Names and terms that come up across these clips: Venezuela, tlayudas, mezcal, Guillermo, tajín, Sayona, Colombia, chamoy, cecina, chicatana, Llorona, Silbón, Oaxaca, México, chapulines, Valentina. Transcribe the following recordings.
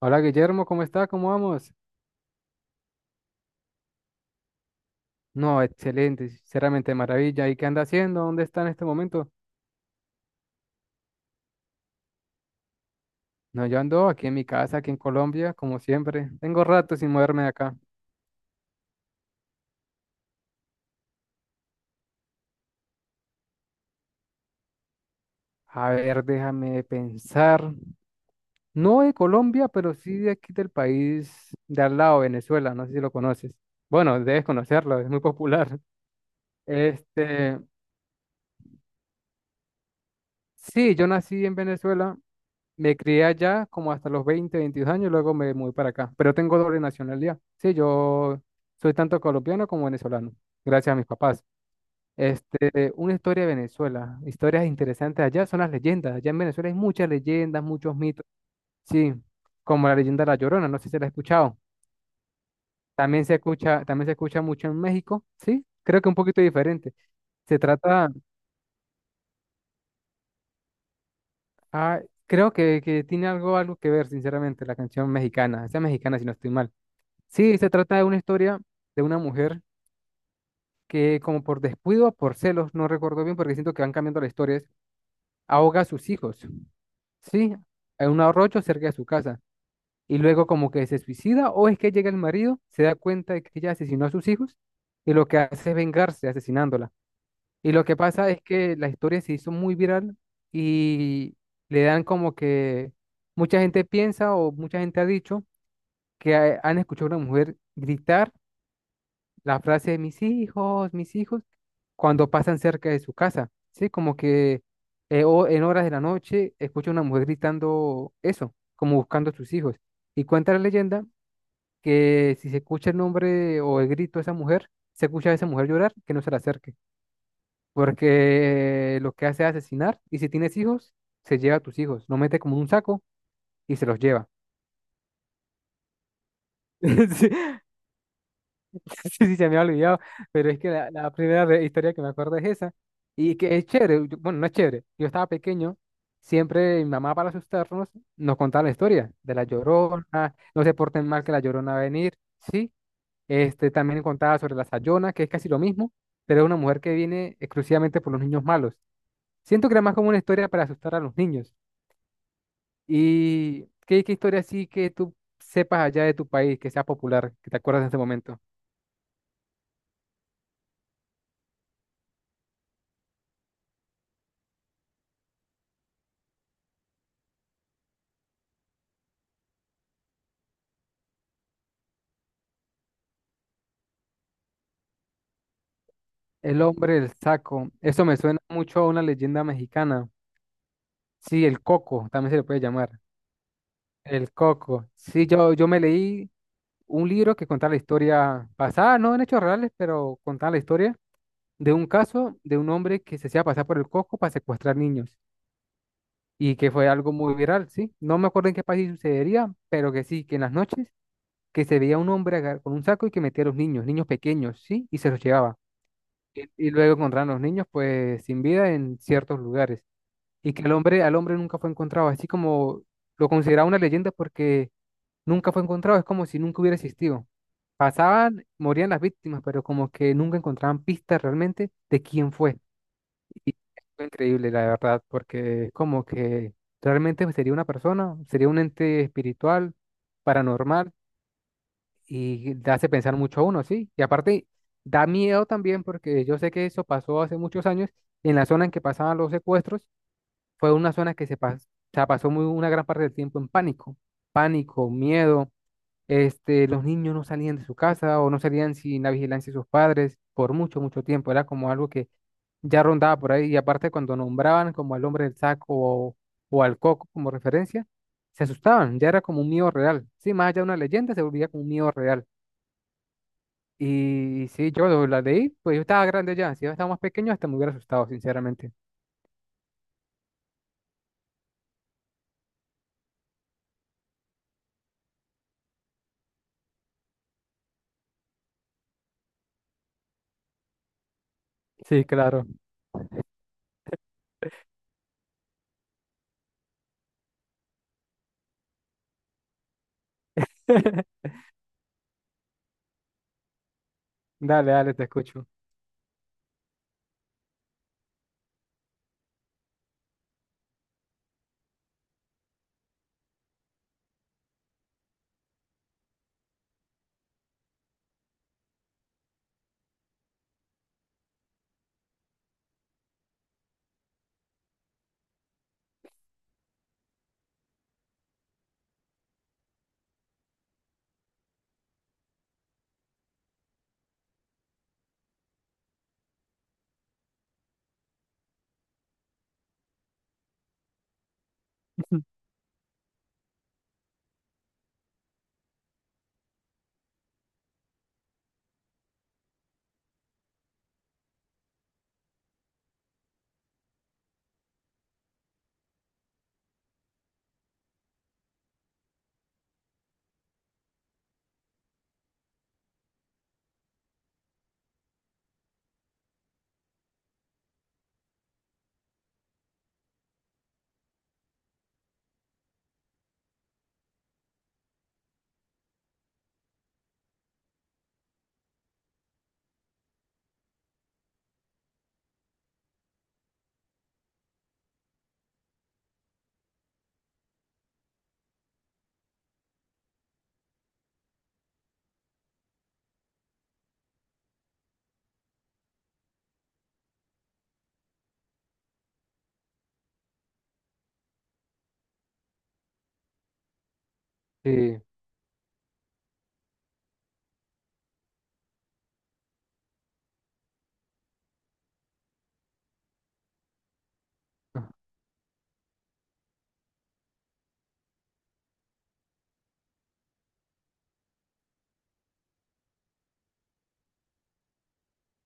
Hola Guillermo, ¿cómo está? ¿Cómo vamos? No, excelente, sinceramente maravilla. ¿Y qué anda haciendo? ¿Dónde está en este momento? No, yo ando aquí en mi casa, aquí en Colombia, como siempre. Tengo rato sin moverme de acá. A ver, déjame pensar. No de Colombia, pero sí de aquí del país de al lado, Venezuela. No sé si lo conoces. Bueno, debes conocerlo, es muy popular. Este, sí, yo nací en Venezuela. Me crié allá como hasta los 20, 22 años, luego me moví para acá. Pero tengo doble nacionalidad. Sí, yo soy tanto colombiano como venezolano, gracias a mis papás. Una historia de Venezuela, historias interesantes allá son las leyendas. Allá en Venezuela hay muchas leyendas, muchos mitos. Sí, como la leyenda de la Llorona, no sé si se la ha escuchado. También se escucha mucho en México, sí, creo que un poquito diferente. Se trata, ah, creo que tiene algo que ver, sinceramente, la canción mexicana, esa mexicana si no estoy mal. Sí, se trata de una historia de una mujer que como por descuido, o por celos, no recuerdo bien porque siento que van cambiando las historias, ahoga a sus hijos, ¿sí? En un arroyo cerca de su casa. Y luego como que se suicida o es que llega el marido, se da cuenta de que ella asesinó a sus hijos y lo que hace es vengarse asesinándola. Y lo que pasa es que la historia se hizo muy viral y le dan como que mucha gente piensa o mucha gente ha dicho que han escuchado a una mujer gritar la frase de mis hijos, cuando pasan cerca de su casa, ¿sí? Como que o en horas de la noche escucha una mujer gritando eso, como buscando a sus hijos. Y cuenta la leyenda que si se escucha el nombre o el grito de esa mujer, se escucha a esa mujer llorar, que no se le acerque, porque lo que hace es asesinar y si tienes hijos, se lleva a tus hijos, lo mete como en un saco y se los lleva. Sí, Sí, sí, se me ha olvidado, pero es que la primera historia que me acuerdo es esa. Y que es chévere, yo- bueno, no es chévere. Yo estaba pequeño, siempre mi mamá para asustarnos nos contaba la historia de la Llorona, no se porten mal que la Llorona va a venir, ¿sí? También contaba sobre la Sayona, que es casi lo mismo, pero es una mujer que viene exclusivamente por los niños malos. Siento que era más como una historia para asustar a los niños. ¿Y qué historia así que tú sepas allá de tu país, que sea popular, que te acuerdas en este momento? El hombre del saco. Eso me suena mucho a una leyenda mexicana. Sí, el coco, también se le puede llamar. El coco. Sí, yo me leí un libro que contaba la historia pasada, no en hechos reales, pero contaba la historia de un caso de un hombre que se hacía pasar por el coco para secuestrar niños y que fue algo muy viral, ¿sí? No me acuerdo en qué país sucedería, pero que sí, que en las noches que se veía un hombre con un saco y que metía a los niños, niños pequeños, ¿sí? Y se los llevaba. Y luego encontraban los niños pues sin vida en ciertos lugares. Y que el hombre, al hombre nunca fue encontrado, así como lo consideraba una leyenda porque nunca fue encontrado, es como si nunca hubiera existido. Pasaban, morían las víctimas, pero como que nunca encontraban pistas realmente de quién fue. Y fue increíble, la verdad, porque es como que realmente sería una persona, sería un ente espiritual, paranormal, y te hace pensar mucho a uno, ¿sí? Y aparte, da miedo también porque yo sé que eso pasó hace muchos años en la zona en que pasaban los secuestros fue una zona que se pasó muy, una gran parte del tiempo en pánico, pánico, miedo. Los niños no salían de su casa o no salían sin la vigilancia de sus padres por mucho, mucho tiempo. Era como algo que ya rondaba por ahí. Y aparte, cuando nombraban como al hombre del saco o al coco como referencia, se asustaban. Ya era como un miedo real. Sí, más allá de una leyenda, se volvía como un miedo real. Y sí, yo la leí, pues yo estaba grande ya. Si yo estaba más pequeño, hasta me hubiera asustado, sinceramente. Sí, claro. Dale, dale, te escucho. Sí, ah,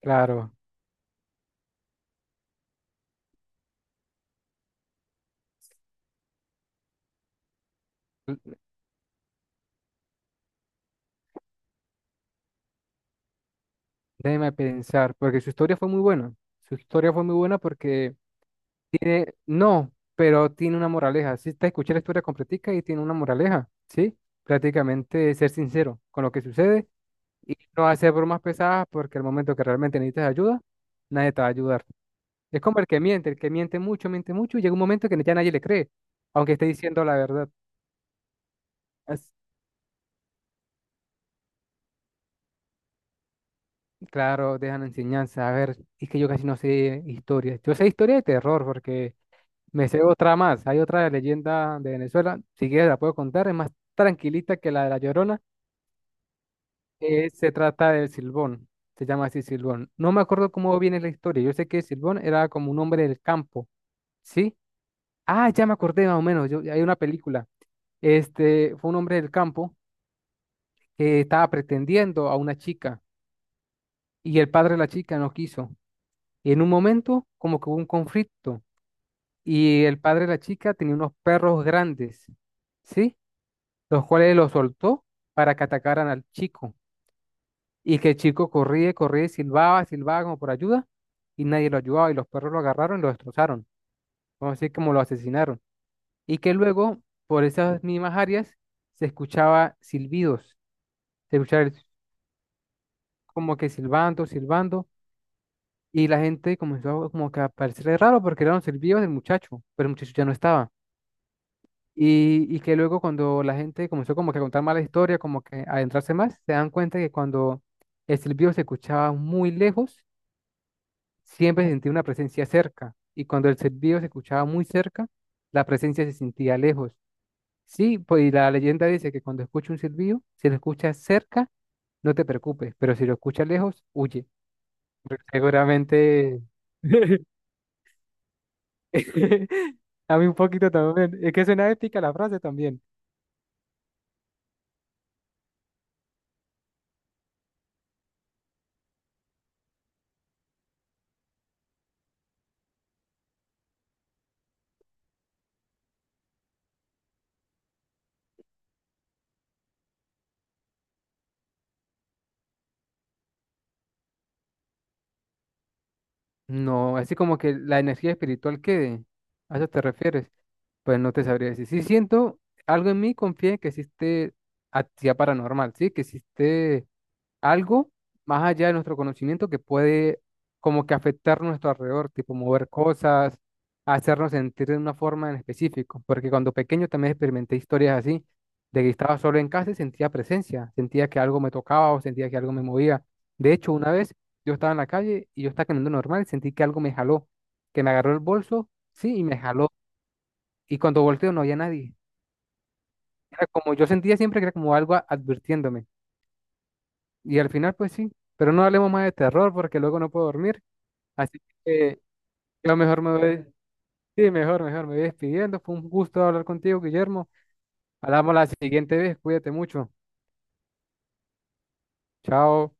claro. L- Déjeme pensar, porque su historia fue muy buena. Su historia fue muy buena porque no, pero tiene una moraleja. Si te escuché la historia completica y tiene una moraleja, ¿sí? Prácticamente ser sincero con lo que sucede y no hacer bromas pesadas porque al momento que realmente necesitas ayuda, nadie te va a ayudar. Es como el que miente mucho y llega un momento que ya nadie le cree, aunque esté diciendo la verdad. Claro, dejan enseñanza. A ver, es que yo casi no sé historias. Yo sé historia de terror porque me sé otra más. Hay otra leyenda de Venezuela. Si quieres la puedo contar. Es más tranquilita que la de La Llorona. Se trata del Silbón. Se llama así Silbón. No me acuerdo cómo viene la historia. Yo sé que Silbón era como un hombre del campo. ¿Sí? Ah, ya me acordé más o menos. Yo, hay una película. Este fue un hombre del campo que estaba pretendiendo a una chica y el padre de la chica no quiso. Y en un momento como que hubo un conflicto y el padre de la chica tenía unos perros grandes, ¿sí? Los cuales los soltó para que atacaran al chico. Y que el chico corría, corría, y silbaba, silbaba como por ayuda, y nadie lo ayudaba, y los perros lo agarraron y lo destrozaron, vamos a decir como lo asesinaron. Y que luego, por esas mismas áreas, se escuchaba silbidos, se escuchaba el- como que silbando, silbando, y la gente comenzó a- como que a parecerle raro porque eran los silbidos del muchacho, pero el muchacho ya no estaba. Y que luego cuando la gente comenzó como que a contar mala historia, como que a adentrarse más, se dan cuenta que cuando el silbido se escuchaba muy lejos, siempre se sentía una presencia cerca. Y cuando el silbido se escuchaba muy cerca, la presencia se sentía lejos. Sí, pues y la leyenda dice que cuando escucha un silbido, si lo escuchas cerca, no te preocupes, pero si lo escuchas lejos, huye. Porque seguramente... A mí un poquito también. Es que suena épica la frase también. No, así como que la energía espiritual quede. ¿A eso te refieres? Pues no te sabría decir. Sí siento, algo en mí confía en que existe actividad paranormal, sí, que existe algo más allá de nuestro conocimiento que puede como que afectar nuestro alrededor, tipo mover cosas, hacernos sentir de una forma en específico, porque cuando pequeño también experimenté historias así, de que estaba solo en casa y sentía presencia, sentía que algo me tocaba o sentía que algo me movía. De hecho, una vez yo estaba en la calle y yo estaba caminando normal y sentí que algo me jaló, que me agarró el bolso, sí, y me jaló. Y cuando volteo no había nadie. Era como yo sentía siempre que era como algo advirtiéndome. Y al final, pues sí, pero no hablemos más de terror porque luego no puedo dormir. Así que yo mejor me voy, sí, mejor, mejor, me voy despidiendo. Fue un gusto hablar contigo, Guillermo. Hablamos la siguiente vez, cuídate mucho. Chao.